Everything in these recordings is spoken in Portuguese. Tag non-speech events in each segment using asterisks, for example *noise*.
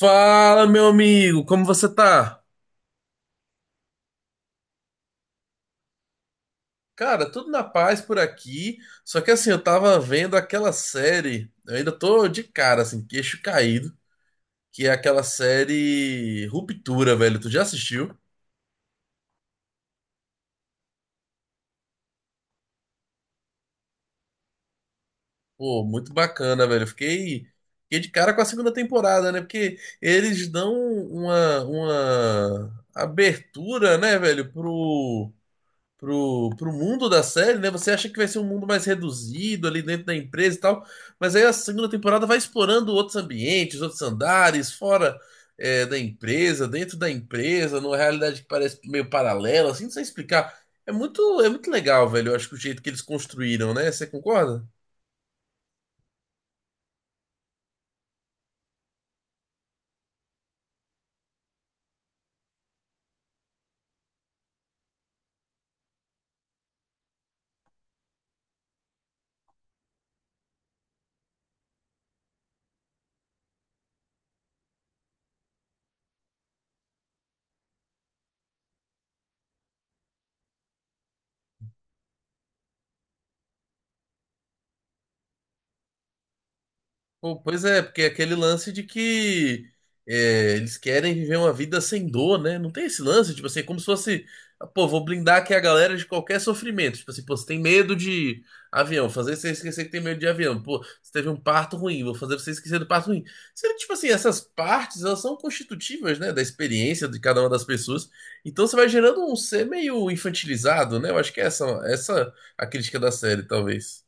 Fala, meu amigo, como você tá? Cara, tudo na paz por aqui. Só que assim, eu tava vendo aquela série, eu ainda tô de cara, assim, queixo caído, que é aquela série Ruptura, velho. Tu já assistiu? Pô, muito bacana, velho. Eu fiquei de cara com a segunda temporada, né? Porque eles dão uma abertura, né, velho, pro mundo da série, né? Você acha que vai ser um mundo mais reduzido ali dentro da empresa e tal, mas aí a segunda temporada vai explorando outros ambientes, outros andares, fora da empresa, dentro da empresa, numa realidade que parece meio paralela, assim, não sei explicar. É muito legal, velho. Eu acho que o jeito que eles construíram, né? Você concorda? Pô, pois é, porque é aquele lance de que eles querem viver uma vida sem dor, né? Não tem esse lance, tipo assim, é como se fosse, pô, vou blindar aqui a galera de qualquer sofrimento. Tipo assim, pô, você tem medo de avião, fazer você esquecer que tem medo de avião. Pô, você teve um parto ruim, vou fazer você esquecer do parto ruim. Sendo tipo assim, essas partes, elas são constitutivas, né, da experiência de cada uma das pessoas. Então você vai gerando um ser meio infantilizado, né? Eu acho que é essa, essa a crítica da série, talvez.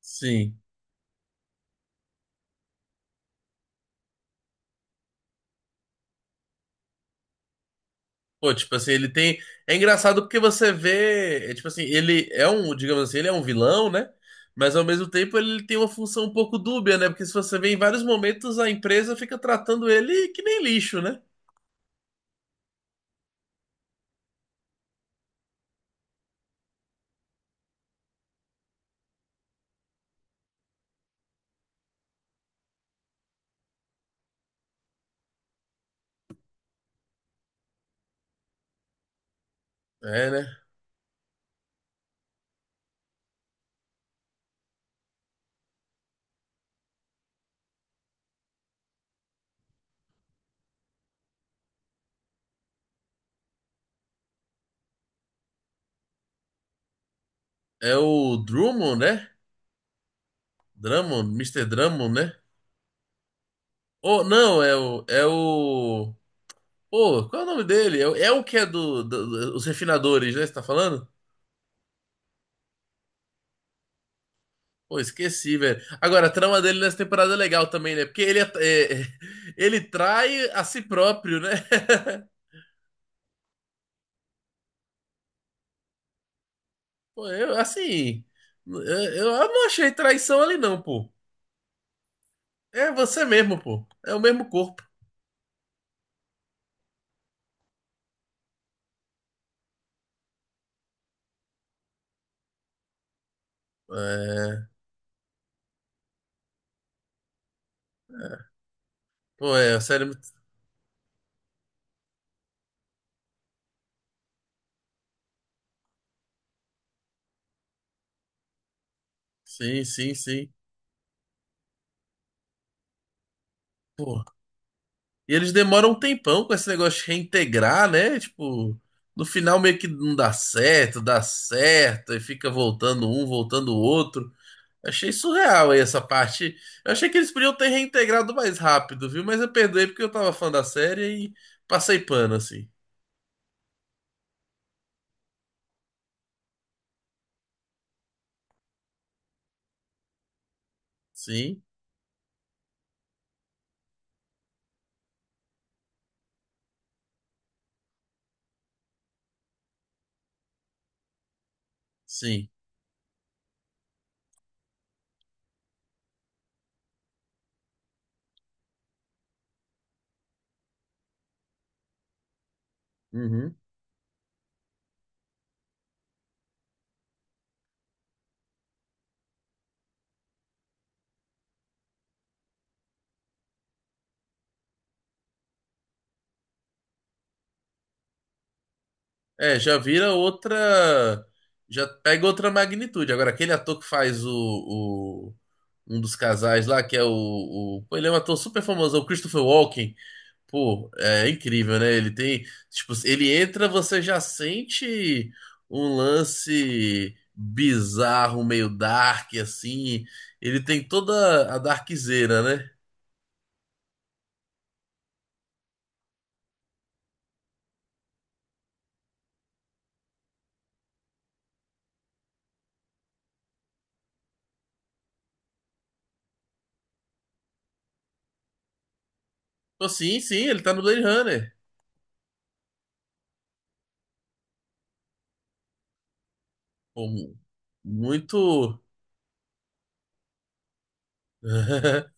Sim. Pô, tipo assim, ele tem. É engraçado porque você vê. Tipo assim, ele é um, digamos assim, ele é um vilão, né? Mas ao mesmo tempo ele tem uma função um pouco dúbia, né? Porque se você vê em vários momentos a empresa fica tratando ele que nem lixo, né? É, né? É o Drummond, né? Drummond, Mister Drummond, né? Oh, não, é o. É o. Pô, qual é o nome dele? É, o é o que é do os refinadores, né? Você tá falando? Pô, esqueci, velho. Agora, a trama dele nessa temporada é legal também, né? Porque ele, ele trai a si próprio, né? Pô, eu, assim, eu não achei traição ali, não, pô. É você mesmo, pô. É o mesmo corpo. É, pô, é, a série. É muito- Sim, sim, sim. Pô. E eles demoram um tempão com esse negócio de reintegrar, né? Tipo, no final meio que não dá certo, dá certo, e fica voltando um, voltando o outro. Achei surreal aí essa parte. Eu achei que eles podiam ter reintegrado mais rápido, viu? Mas eu perdoei porque eu tava fã da série e passei pano, assim. Sim, sim. Uhum. É, já vira outra. Já pega outra magnitude. Agora, aquele ator que faz o- um dos casais lá, que é o. pô, ele é um ator super famoso, é o Christopher Walken. Pô, é incrível, né? Ele tem, tipo, ele entra, você já sente um lance bizarro, meio dark, assim. Ele tem toda a darkzeira, né? Pô, sim, sim, ele tá no Blade Runner. Pô, mu- muito. *laughs*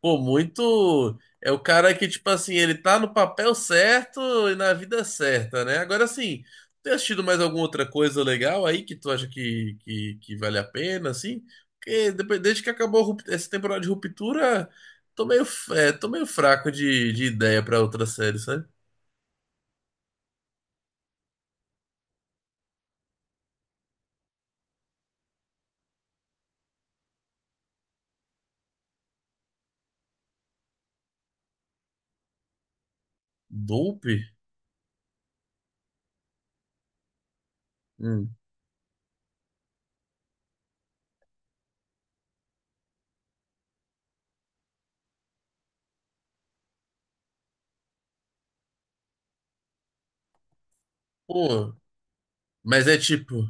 Pô, muito. É o cara que, tipo assim, ele tá no papel certo e na vida certa, né? Agora assim, tem assistido mais alguma outra coisa legal aí que tu acha que vale a pena, assim? Porque depois, desde que acabou a rup- essa temporada de Ruptura, tô meio, f- tô meio fraco de ideia pra outra série, sabe? Dope? Hum. Pô, mas é tipo.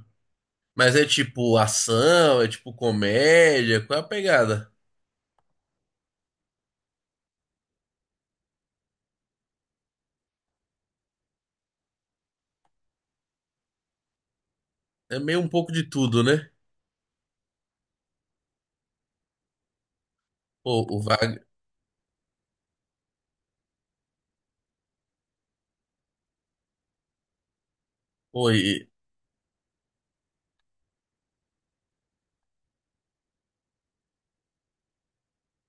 Mas é tipo ação, é tipo comédia, qual é a pegada? É meio um pouco de tudo, né? Pô, o Wagner.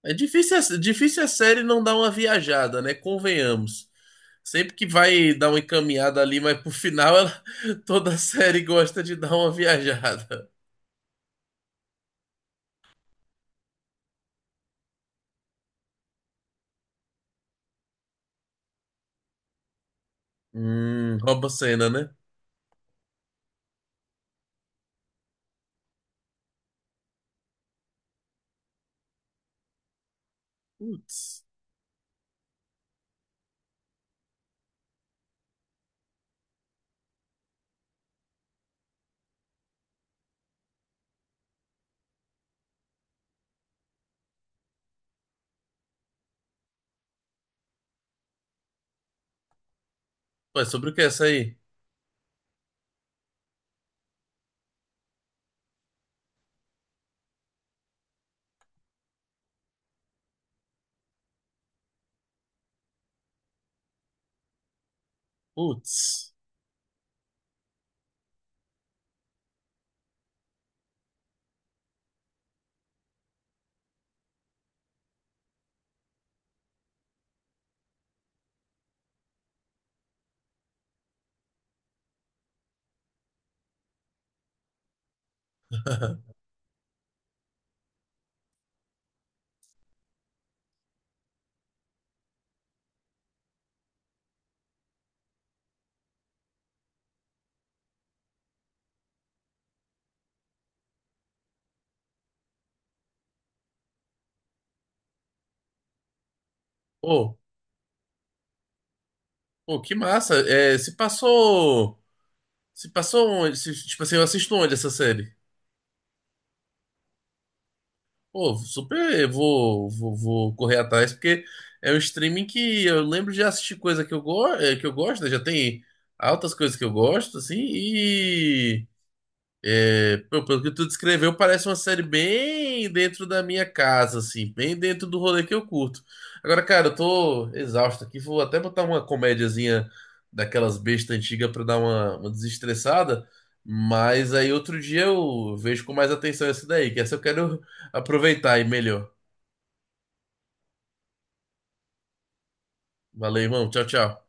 É difícil, a- difícil a série não dar uma viajada, né? Convenhamos. Sempre que vai dar uma encaminhada ali, mas pro final ela, *laughs* toda série gosta de dar uma viajada. Rouba cena, né? Putz. Ué, sobre o que é essa aí? Putz. *laughs* Pô, pô, que massa. É, se passou. Se passou onde? Se, tipo assim, eu assisto onde essa série? Pô, super, eu vou, vou correr atrás, porque é um streaming que eu lembro de assistir coisa que eu, que eu gosto, né? Já tem altas coisas que eu gosto, assim, é, pô, pelo que tu descreveu, parece uma série bem dentro da minha casa, assim, bem dentro do rolê que eu curto. Agora, cara, eu tô exausto aqui, vou até botar uma comédiazinha daquelas bestas antigas pra dar uma desestressada, mas aí outro dia eu vejo com mais atenção essa daí, que essa eu quero *laughs* aproveitar e melhor. Valeu, irmão. Tchau, tchau.